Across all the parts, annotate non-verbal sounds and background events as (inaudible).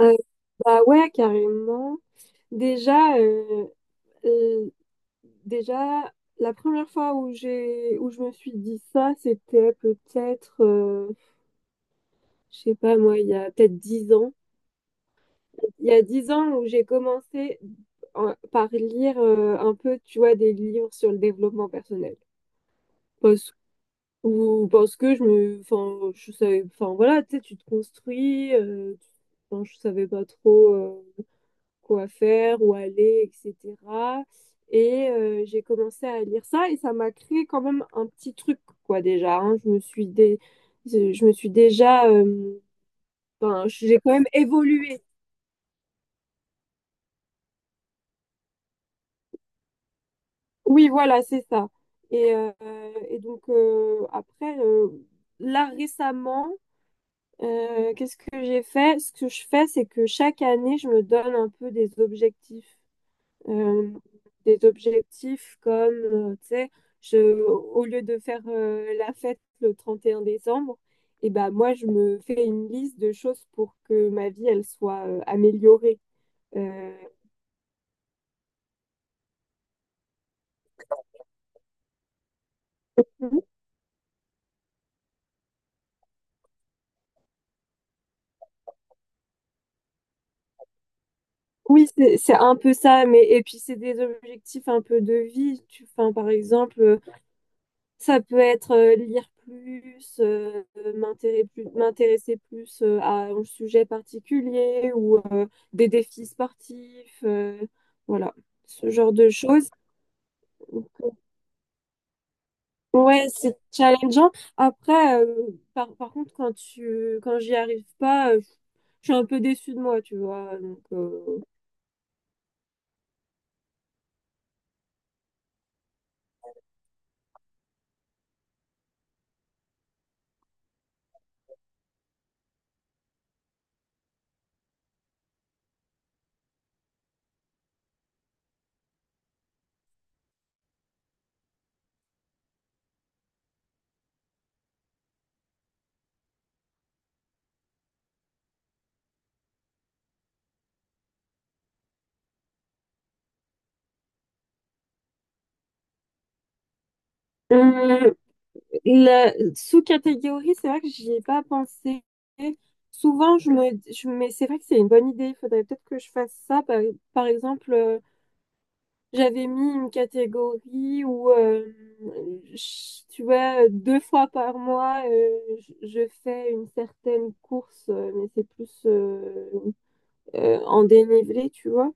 Euh, bah ouais, carrément. Déjà, euh, déjà, la première fois où je me suis dit ça, c'était peut-être, je sais pas moi, il y a peut-être dix ans. Il y a dix ans où j'ai commencé par lire un peu, tu vois, des livres sur le développement personnel. Parce, ou parce que enfin, je savais, enfin voilà, tu sais, tu te construis. Enfin, je savais pas trop, quoi faire, où aller, etc. Et j'ai commencé à lire ça et ça m'a créé quand même un petit truc, quoi, déjà, hein. Je me suis déjà, enfin, j'ai quand même évolué. Oui, voilà, c'est ça. Et, euh, et donc, après, là, récemment, qu'est-ce que j'ai fait? Ce que je fais, c'est que chaque année, je me donne un peu des objectifs. euh, des objectifs comme, tu sais, je, au lieu de faire la fête le 31 décembre, et ben moi, je me fais une liste de choses pour que ma vie, elle soit améliorée. Euh, oui, c'est un peu ça, mais et puis c'est des objectifs un peu de vie. Enfin, par exemple, ça peut être lire plus, m'intéresser plus à un sujet particulier ou des défis sportifs, voilà, ce genre de choses. euh, Ouais, c'est challengeant. Après, par contre, quand j'y arrive pas, je suis un peu déçue de moi, tu vois. Donc, euh, la sous-catégorie, c'est vrai que j'y ai pas pensé. Souvent, je me, je, mais c'est vrai que c'est une bonne idée. Il faudrait peut-être que je fasse ça. Par exemple, j'avais mis une catégorie où, tu vois, deux fois par mois, je fais une certaine course, mais c'est plus en dénivelé, tu vois.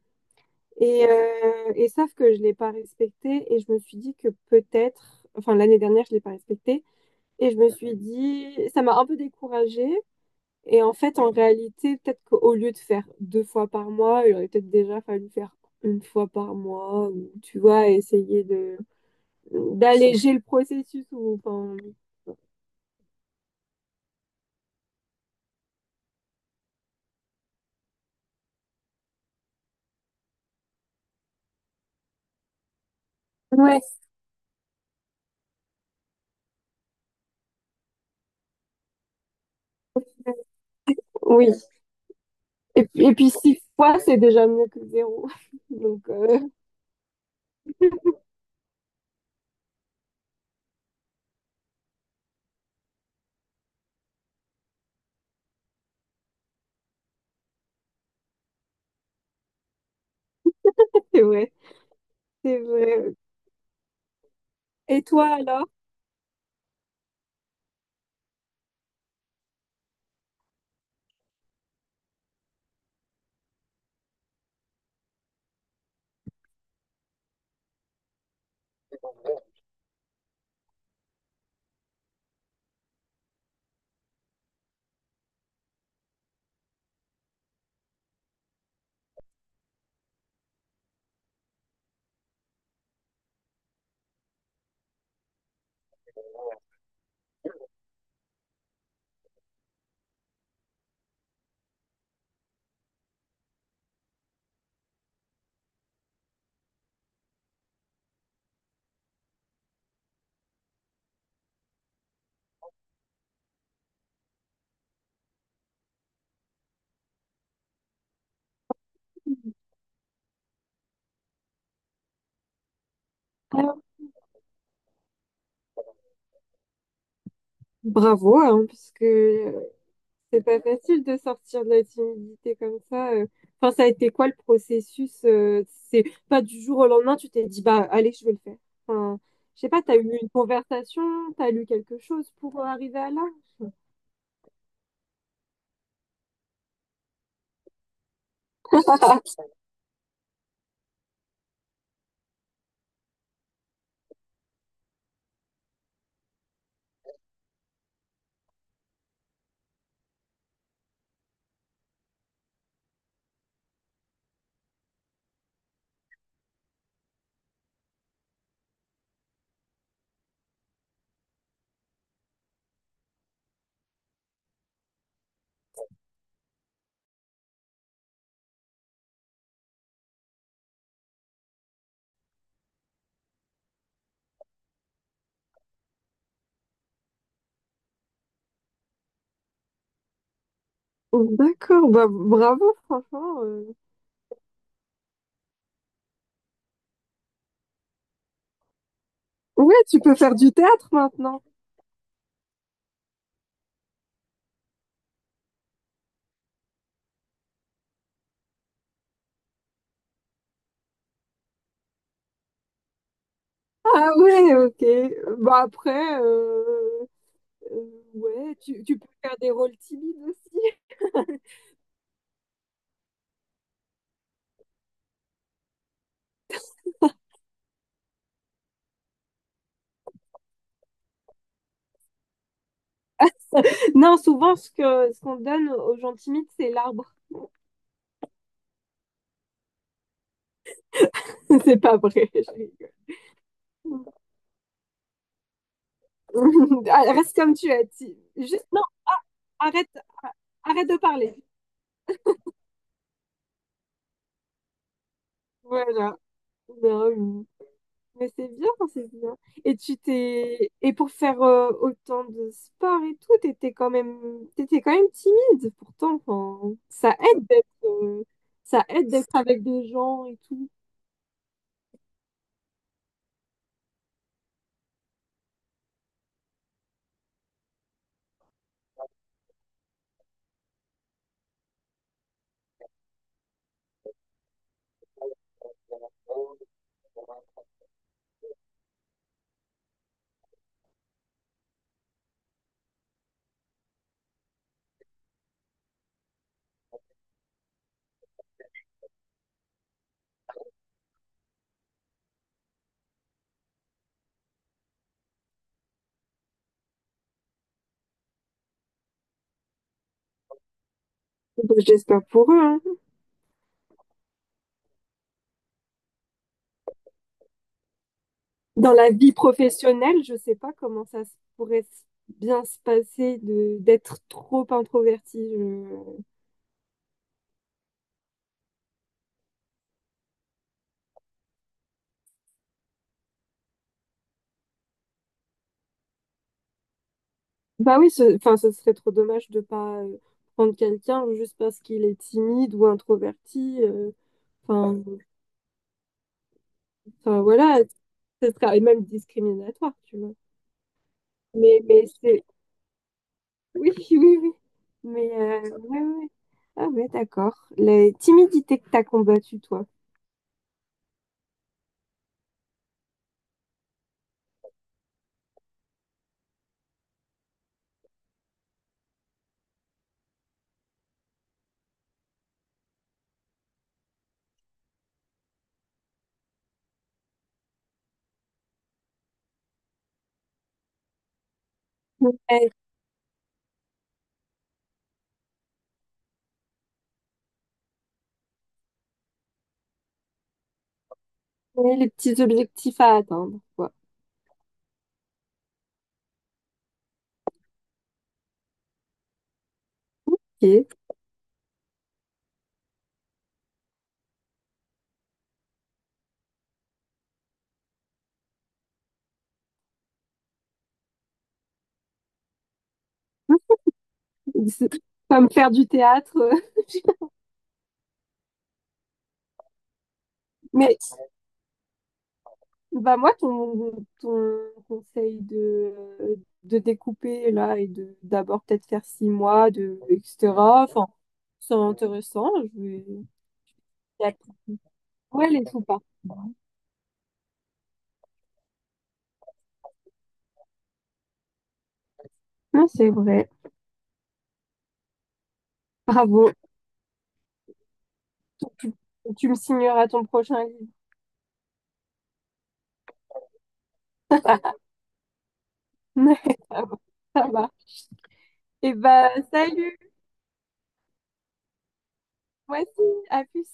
Et sauf que je l'ai pas respecté et je me suis dit que peut-être, enfin l'année dernière, je l'ai pas respecté. Et je me suis dit, ça m'a un peu découragée. Et en fait, en réalité, peut-être qu'au lieu de faire deux fois par mois, il aurait peut-être déjà fallu faire une fois par mois, ou tu vois, essayer de d'alléger le processus. Ou, enfin, ouais. Oui. Et puis six fois, c'est déjà mieux que zéro. (laughs) Donc, c'est vrai. C'est vrai. Et toi alors? Alors, bravo, hein, puisque c'est pas facile de sortir de la timidité comme ça. Enfin, ça a été quoi le processus? C'est pas du jour au lendemain, tu t'es dit, bah, allez, je vais le faire. Enfin, je sais pas, t'as eu une conversation, t'as lu quelque chose pour arriver à là? (laughs) Oh, d'accord, bah, bravo, franchement. Ouais, tu peux faire du théâtre maintenant. Ah ouais, ok. Bah après, euh, ouais, tu peux faire des rôles timides aussi. (laughs) Non, souvent, ce qu'on donne aux gens timides, c'est l'arbre. (laughs) C'est pas vrai, je rigole. (laughs) Ah, reste comme tu es. Juste, non, arrête, de parler. Voilà. Non, mais c'est bien, c'est bien. Et pour faire autant de sport et tout, t'étais quand même timide. Pourtant, enfin, ça aide d'être avec des gens et tout. Bah, j'espère pour eux, hein. Dans la vie professionnelle, je sais pas comment pourrait bien se passer de d'être trop introvertie. Bah oui, enfin, ce serait trop dommage de pas prendre quelqu'un juste parce qu'il est timide ou introverti. Enfin, enfin, voilà, ce serait même discriminatoire, tu vois. Mais c'est oui, (laughs) oui, oui. Mais, ouais, ouais, ouais. Ah, ouais, d'accord. La timidité que t'as combattue, toi. Ouais, ouais, les petits objectifs à atteindre, quoi. Ok. (laughs) C'est comme faire du théâtre. (laughs) Mais bah moi, ton conseil de découper là et de d'abord peut-être faire six mois, de, etc. Enfin, c'est intéressant. Je vais... Ouais, les sous pas. Non, c'est vrai. Bravo. Tu, tu me signeras ton prochain livre. (laughs) Ça va. Et bah, salut. Moi aussi. À plus.